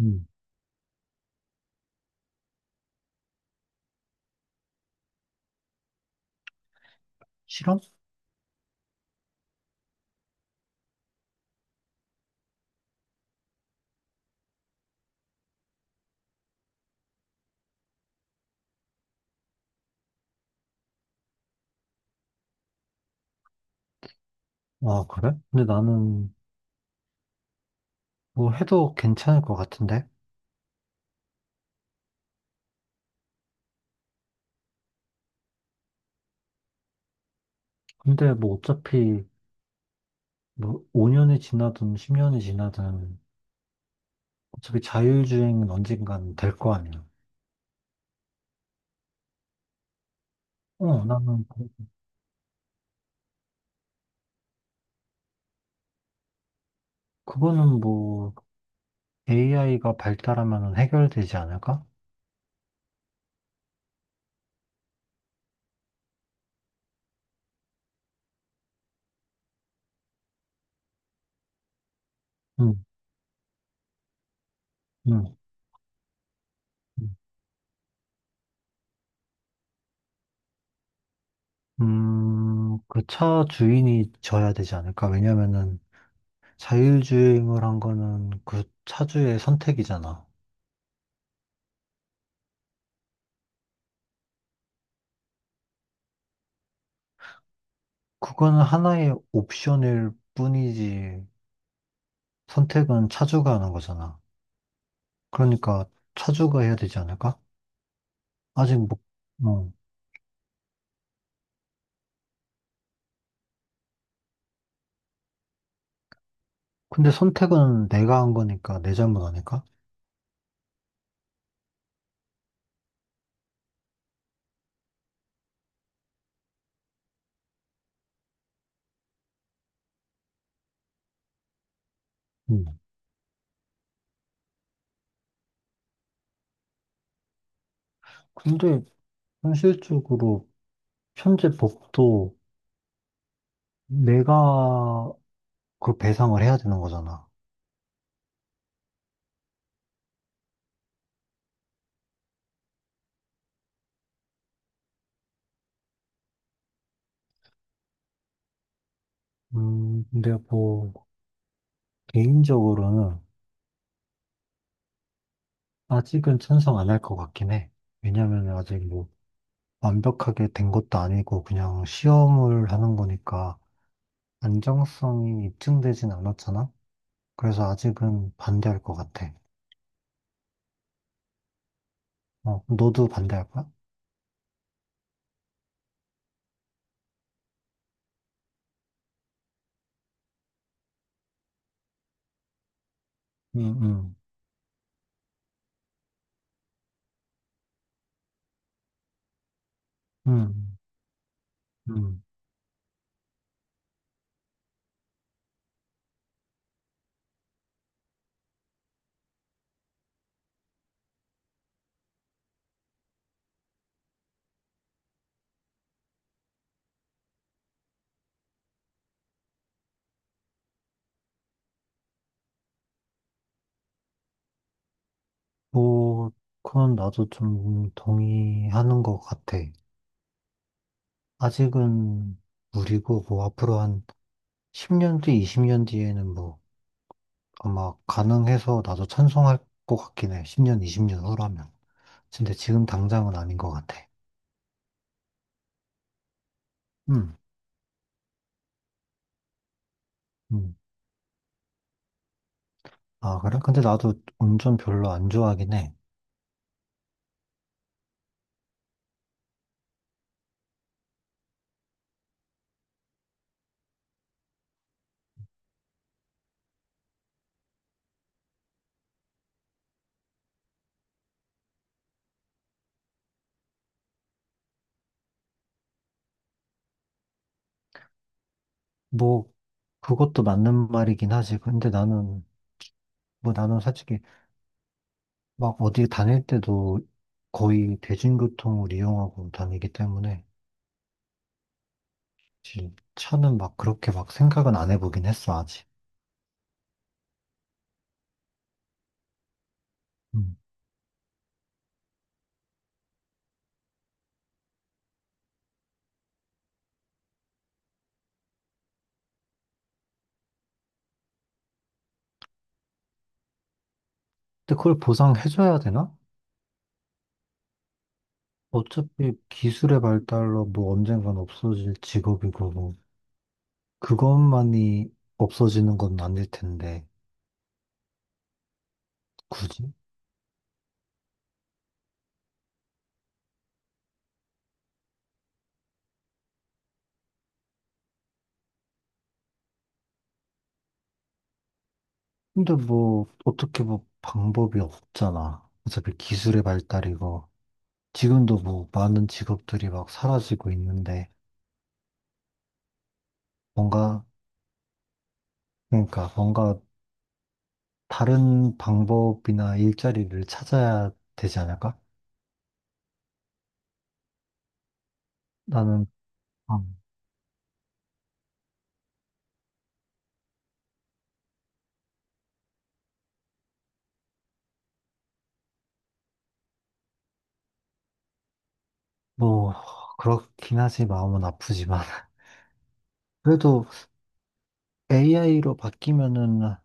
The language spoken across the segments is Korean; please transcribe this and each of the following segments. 음, 싫어? 아, 그래? 근데 나는 뭐 해도 괜찮을 것 같은데? 근데 뭐 어차피 뭐 5년이 지나든 10년이 지나든 어차피 자율주행은 언젠간 될 거 아니야. 어, 나는 그거는 뭐 AI가 발달하면 해결되지 않을까? 응응. 음, 그 차 주인이 져야 되지 않을까? 왜냐면은 자율주행을 한 거는 그 차주의 선택이잖아. 그거는 하나의 옵션일 뿐이지 선택은 차주가 하는 거잖아. 그러니까 차주가 해야 되지 않을까? 아직 뭐, 어. 근데 선택은 내가 한 거니까 내 잘못 아닐까? 음. 근데 현실적으로 현재 법도 내가 그 배상을 해야 되는 거잖아. 근데 뭐 개인적으로는 아직은 찬성 안 할 것 같긴 해. 왜냐면 아직 뭐 완벽하게 된 것도 아니고 그냥 시험을 하는 거니까. 안정성이 입증되진 않았잖아? 그래서 아직은 반대할 것 같아. 어, 너도 반대할 거야? 응, 응, 응, 응. 뭐, 그건 나도 좀 동의하는 것 같아. 아직은 무리고, 뭐, 앞으로 한 10년 뒤, 20년 뒤에는 뭐, 아마 가능해서 나도 찬성할 것 같긴 해. 10년, 20년 후라면. 근데 지금 당장은 아닌 것 같아. 응, 응. 아, 그래? 근데 나도 운전 별로 안 좋아하긴 해. 뭐, 그것도 맞는 말이긴 하지. 근데 나는, 뭐 나는 솔직히 막 어디 다닐 때도 거의 대중교통을 이용하고 다니기 때문에 사실 차는 막 그렇게 막 생각은 안 해보긴 했어, 아직. 음. 근데 그걸 보상해줘야 되나? 어차피 기술의 발달로 뭐 언젠간 없어질 직업이고 뭐 그것만이 없어지는 건 아닐 텐데, 굳이? 근데 뭐 어떻게 뭐 방법이 없잖아. 어차피 기술의 발달이고 지금도 뭐 많은 직업들이 막 사라지고 있는데 뭔가 그러니까 뭔가 다른 방법이나 일자리를 찾아야 되지 않을까? 나는 아, 뭐 그렇긴 하지 마음은 아프지만 그래도 AI로 바뀌면은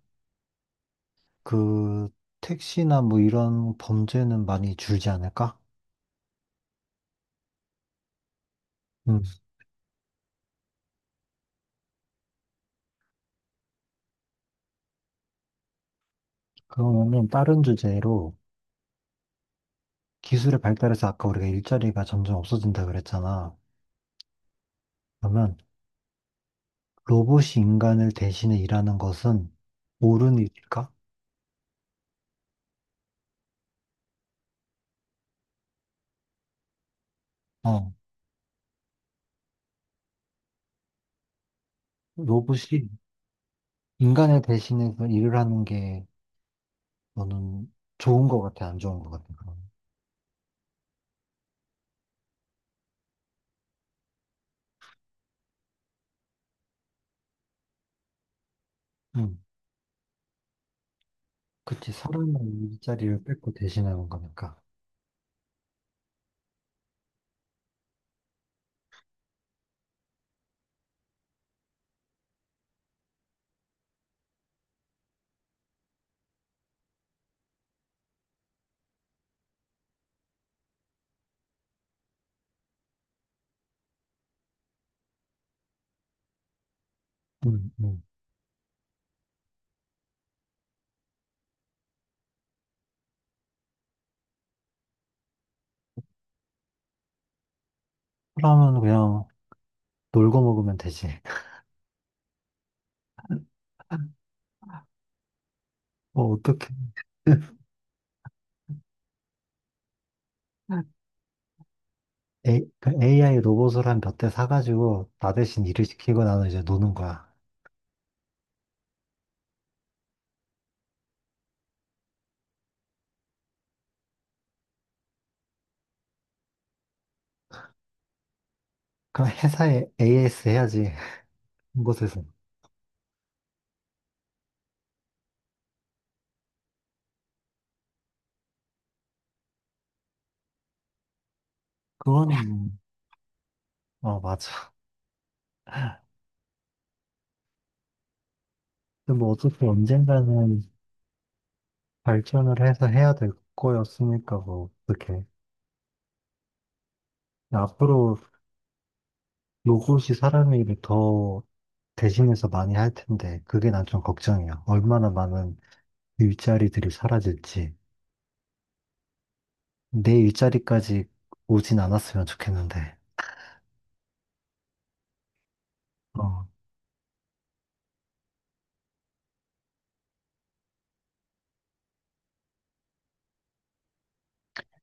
그 택시나 뭐 이런 범죄는 많이 줄지 않을까? 음, 그러면은 다른 주제로 기술의 발달에서 아까 우리가 일자리가 점점 없어진다 그랬잖아. 그러면 로봇이 인간을 대신해 일하는 것은 옳은 일일까? 어, 로봇이 인간을 대신해서 일을 하는 게 너는 좋은 것 같아, 안 좋은 것 같아, 그럼? 응, 그치. 사람의 일자리를 뺏고 대신하는 거니까. 응, 응. 사람은 그냥 놀고 먹으면 되지. 뭐 어떻게. AI 로봇을 한 몇 대 사가지고 나 대신 일을 시키고 나는 이제 노는 거야. 그럼 회사에 AS 해야지. 한 곳에서. 그거는, 뭐, 어, 맞아. 근데 뭐 어차피 언젠가는 발전을 해서 해야 될 거였으니까 뭐 어떻게 앞으로 로봇이 사람의 일을 더 대신해서 많이 할 텐데 그게 난 좀 걱정이야. 얼마나 많은 일자리들이 사라질지 내 일자리까지 오진 않았으면 좋겠는데. 어,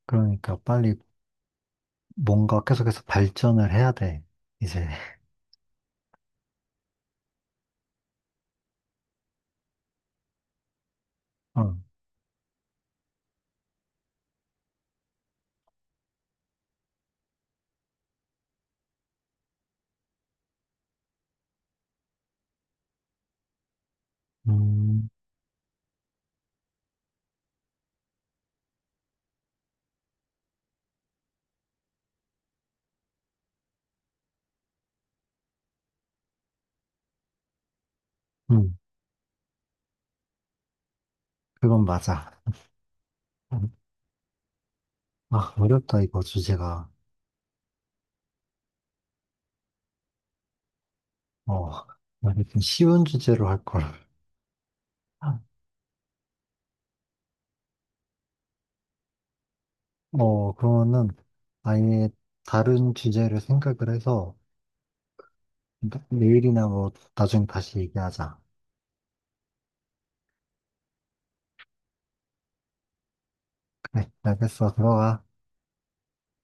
그러니까 빨리 뭔가 계속해서 발전을 해야 돼 이제. 어, 음, 음 그건 맞아. 음, 아 어렵다 이거 주제가. 어, 아니, 좀 쉬운 주제로 할 걸. 어, 그러면은 아예 다른 주제를 생각을 해서 내일이나 뭐 나중에 다시 얘기하자. 그래, 알겠어. 들어가.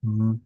음.